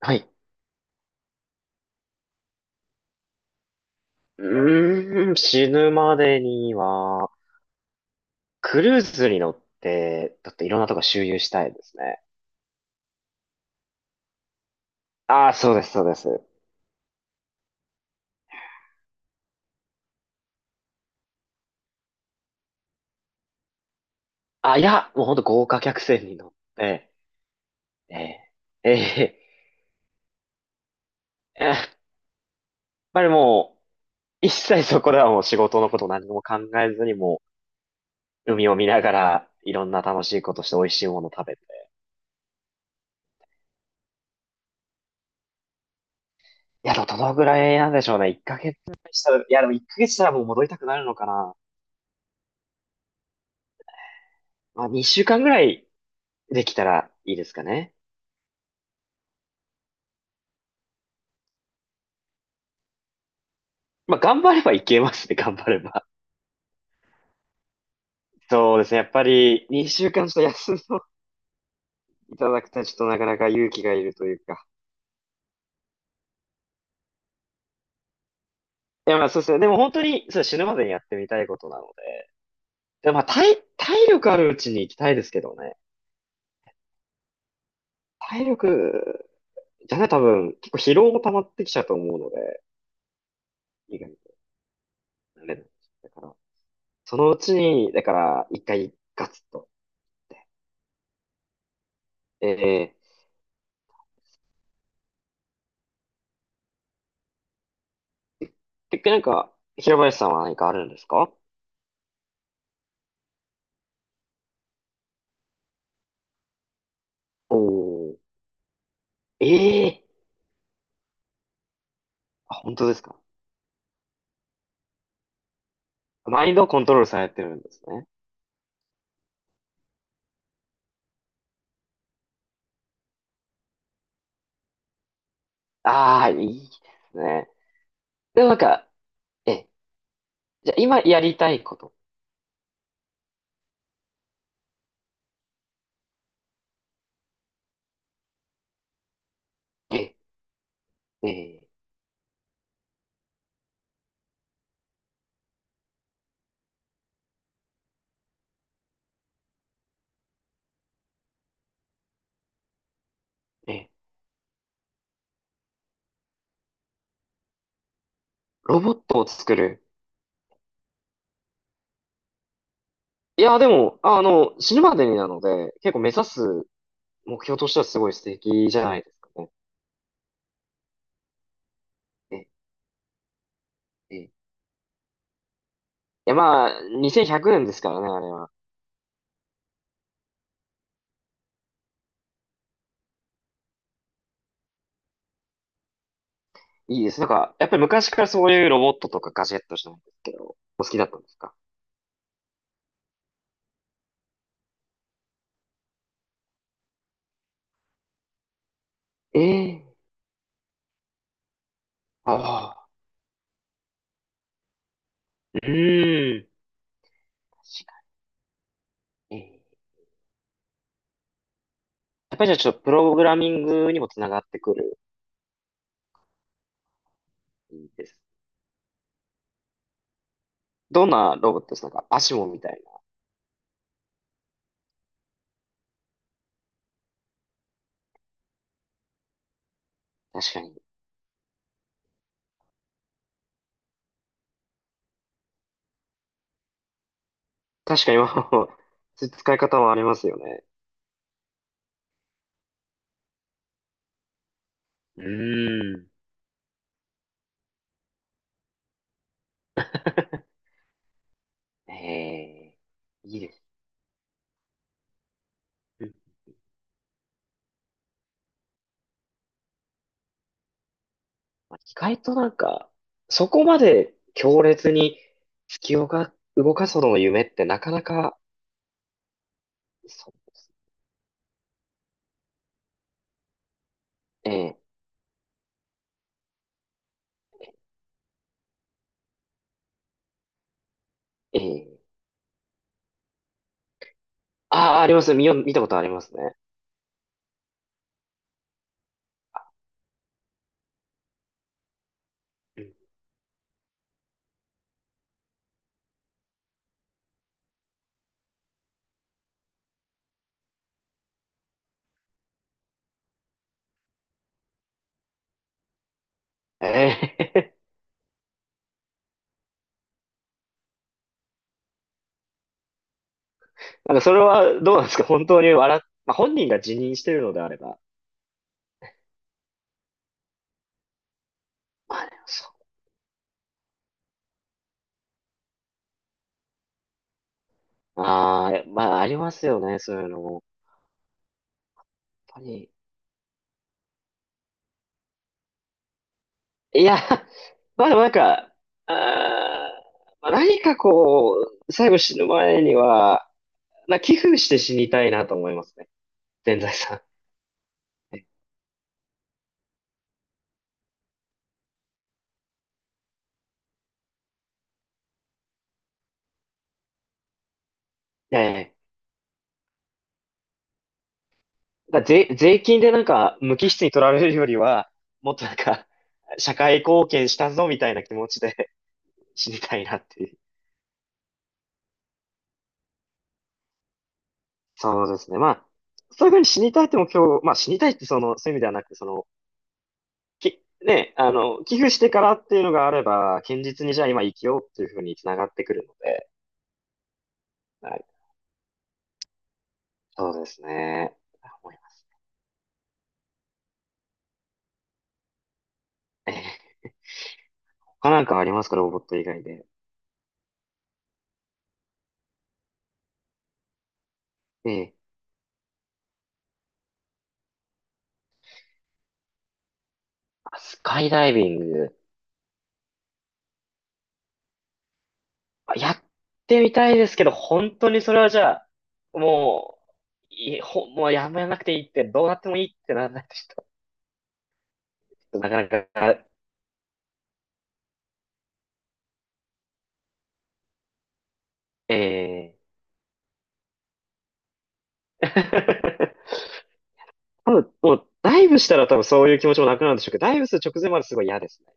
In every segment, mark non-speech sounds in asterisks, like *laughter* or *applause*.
はい。死ぬまでには、クルーズに乗って、だっていろんなとこ周遊したいですね。ああ、そうです、そうです。いや、もうほんと豪華客船に乗って、えー、えやっぱりもう、一切そこではもう仕事のこと何も考えずにもう、海を見ながら、いろんな楽しいことして美味しいもの食べて。いや、でもどのぐらいなんでしょうね。1ヶ月したら、いや、でも1ヶ月したらもう戻りたくなるのかな。まあ、2週間ぐらいできたらいいですかね。まあ、頑張ればいけますね、頑張れば。そうですね。やっぱり、2週間ちょっと休んでいただくとちょっとなかなか勇気がいるというか。いや、まあそうですね。でも本当に、そう、死ぬまでにやってみたいことなので。で、まあ、体力あるうちに行きたいですけどね。体力、じゃね、多分、結構疲労も溜まってきちゃうと思うので、意外になれない。だから、そのうちに、だから、一回ガツッと。ええ、結局なんか、平林さんは何かあるんですか？おー、ええ、あ、本当ですか？マインドをコントロールされてるんですね。ああ、いいですね。でもなんか、え、じゃあ今やりたいこと。え、えー、え、ロボットを作る。いや、でも、あの、死ぬまでになので、結構目指す目標としてはすごい素敵じゃないですかね。いや、まあ、2100年ですからね、あれは。いいです。なんか、やっぱり昔からそういうロボットとかガジェットじゃないんですけど、お好きだったんですか？ええ、ああ、うーん、確かに。えー、やっぱりじゃあちょっとプログラミングにもつながってくるんです。どんなロボットですか？なんか、アシモみたいな。確かに。確かに、今の *laughs* 使い方はありますよね。うーん。*laughs* ええ、いいですね。うん、まあ意外となんか、そこまで強烈に月をが動かすほどの夢ってなかなか、そう、ええ、ええ、ああ、あります。見たことありますね。うん、ええ、*laughs* なんかそれはどうなんですか？本当に笑っ、まあ、本人が辞任してるのであれば、まあでもそう。ああ、まあありますよね、そういうのも。やっぱり。いや、*laughs* まあでもなんか、あー、まあ、何かこう、最後死ぬ前には、な寄付して死にたいなと思いますね。全財産。*laughs* ええ。税、税金でなんか無機質に取られるよりは、もっとなんか、社会貢献したぞみたいな気持ちで *laughs* 死にたいなっていう。そうですね。まあ、そういうふうに死にたいって目標、まあ死にたいってその、そういう意味ではなく、その、ね、あの、寄付してからっていうのがあれば、堅実にじゃあ今生きようっていうふうに繋がってくるので、はい、そうですね。思いますね。 *laughs* 他なんかありますか、ロボット以外で。ええ、あ、スカイダイビング。あ、やってみたいですけど、本当にそれはじゃあ、もう、もうやめなくていいって、どうなってもいいってならないとちょっと、なかなか、ええ。 *laughs* 多分、もう、ダイブしたら多分そういう気持ちもなくなるんでしょうけど、ダイブする直前まですごい嫌ですね。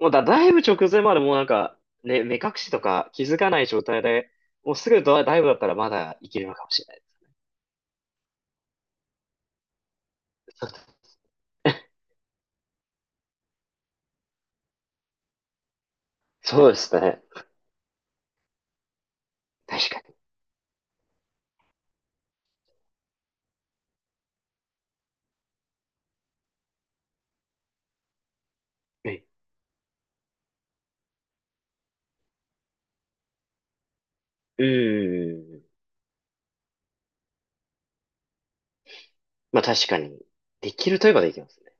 もうだ、だいぶ直前までもうなんか、ね、目隠しとか気づかない状態で、もうすぐダイブだったらまだいけるのかもしれない。*laughs* そうですね。確かに。うん。うーん、まあ確かに。できるといえばできますね。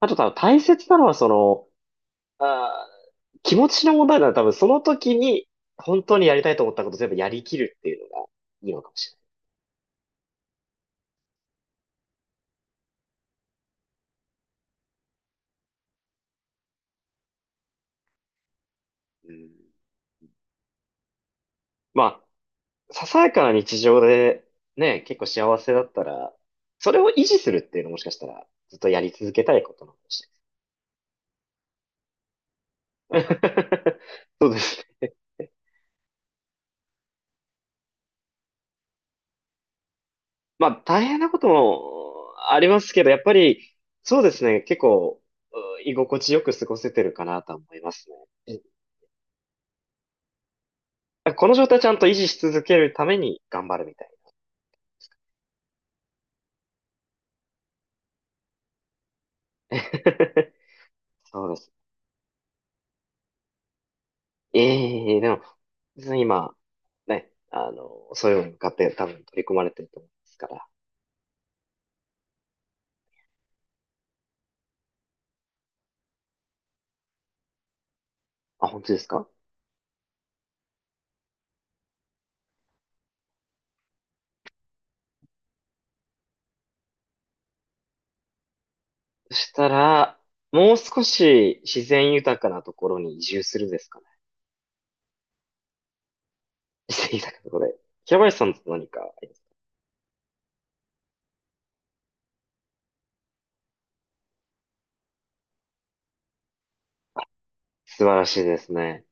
あと多分大切なのはその、あー、気持ちの問題な多分その時に本当にやりたいと思ったこと全部やりきるっていうのがいいのかもしれない。うん。まあささやかな日常でね、結構幸せだったら、それを維持するっていうのもしかしたらずっとやり続けたいことなのかもしれない。 *laughs* そうですね。まあ大変なこともありますけど、やっぱりそうですね、結構う居心地よく過ごせてるかなとは思いますね。うん、この状態ちゃんと維持し続けるために頑張るみたいな。*laughs* そうです。ええでも、別に今、ね、あの、そういうのに向かって多分取り組まれてると思うんですから。あ、本当ですか？そしたら、もう少し自然豊かなところに移住するですかね。自然豊かなところで。平林さんと何かあります？素晴らしいですね。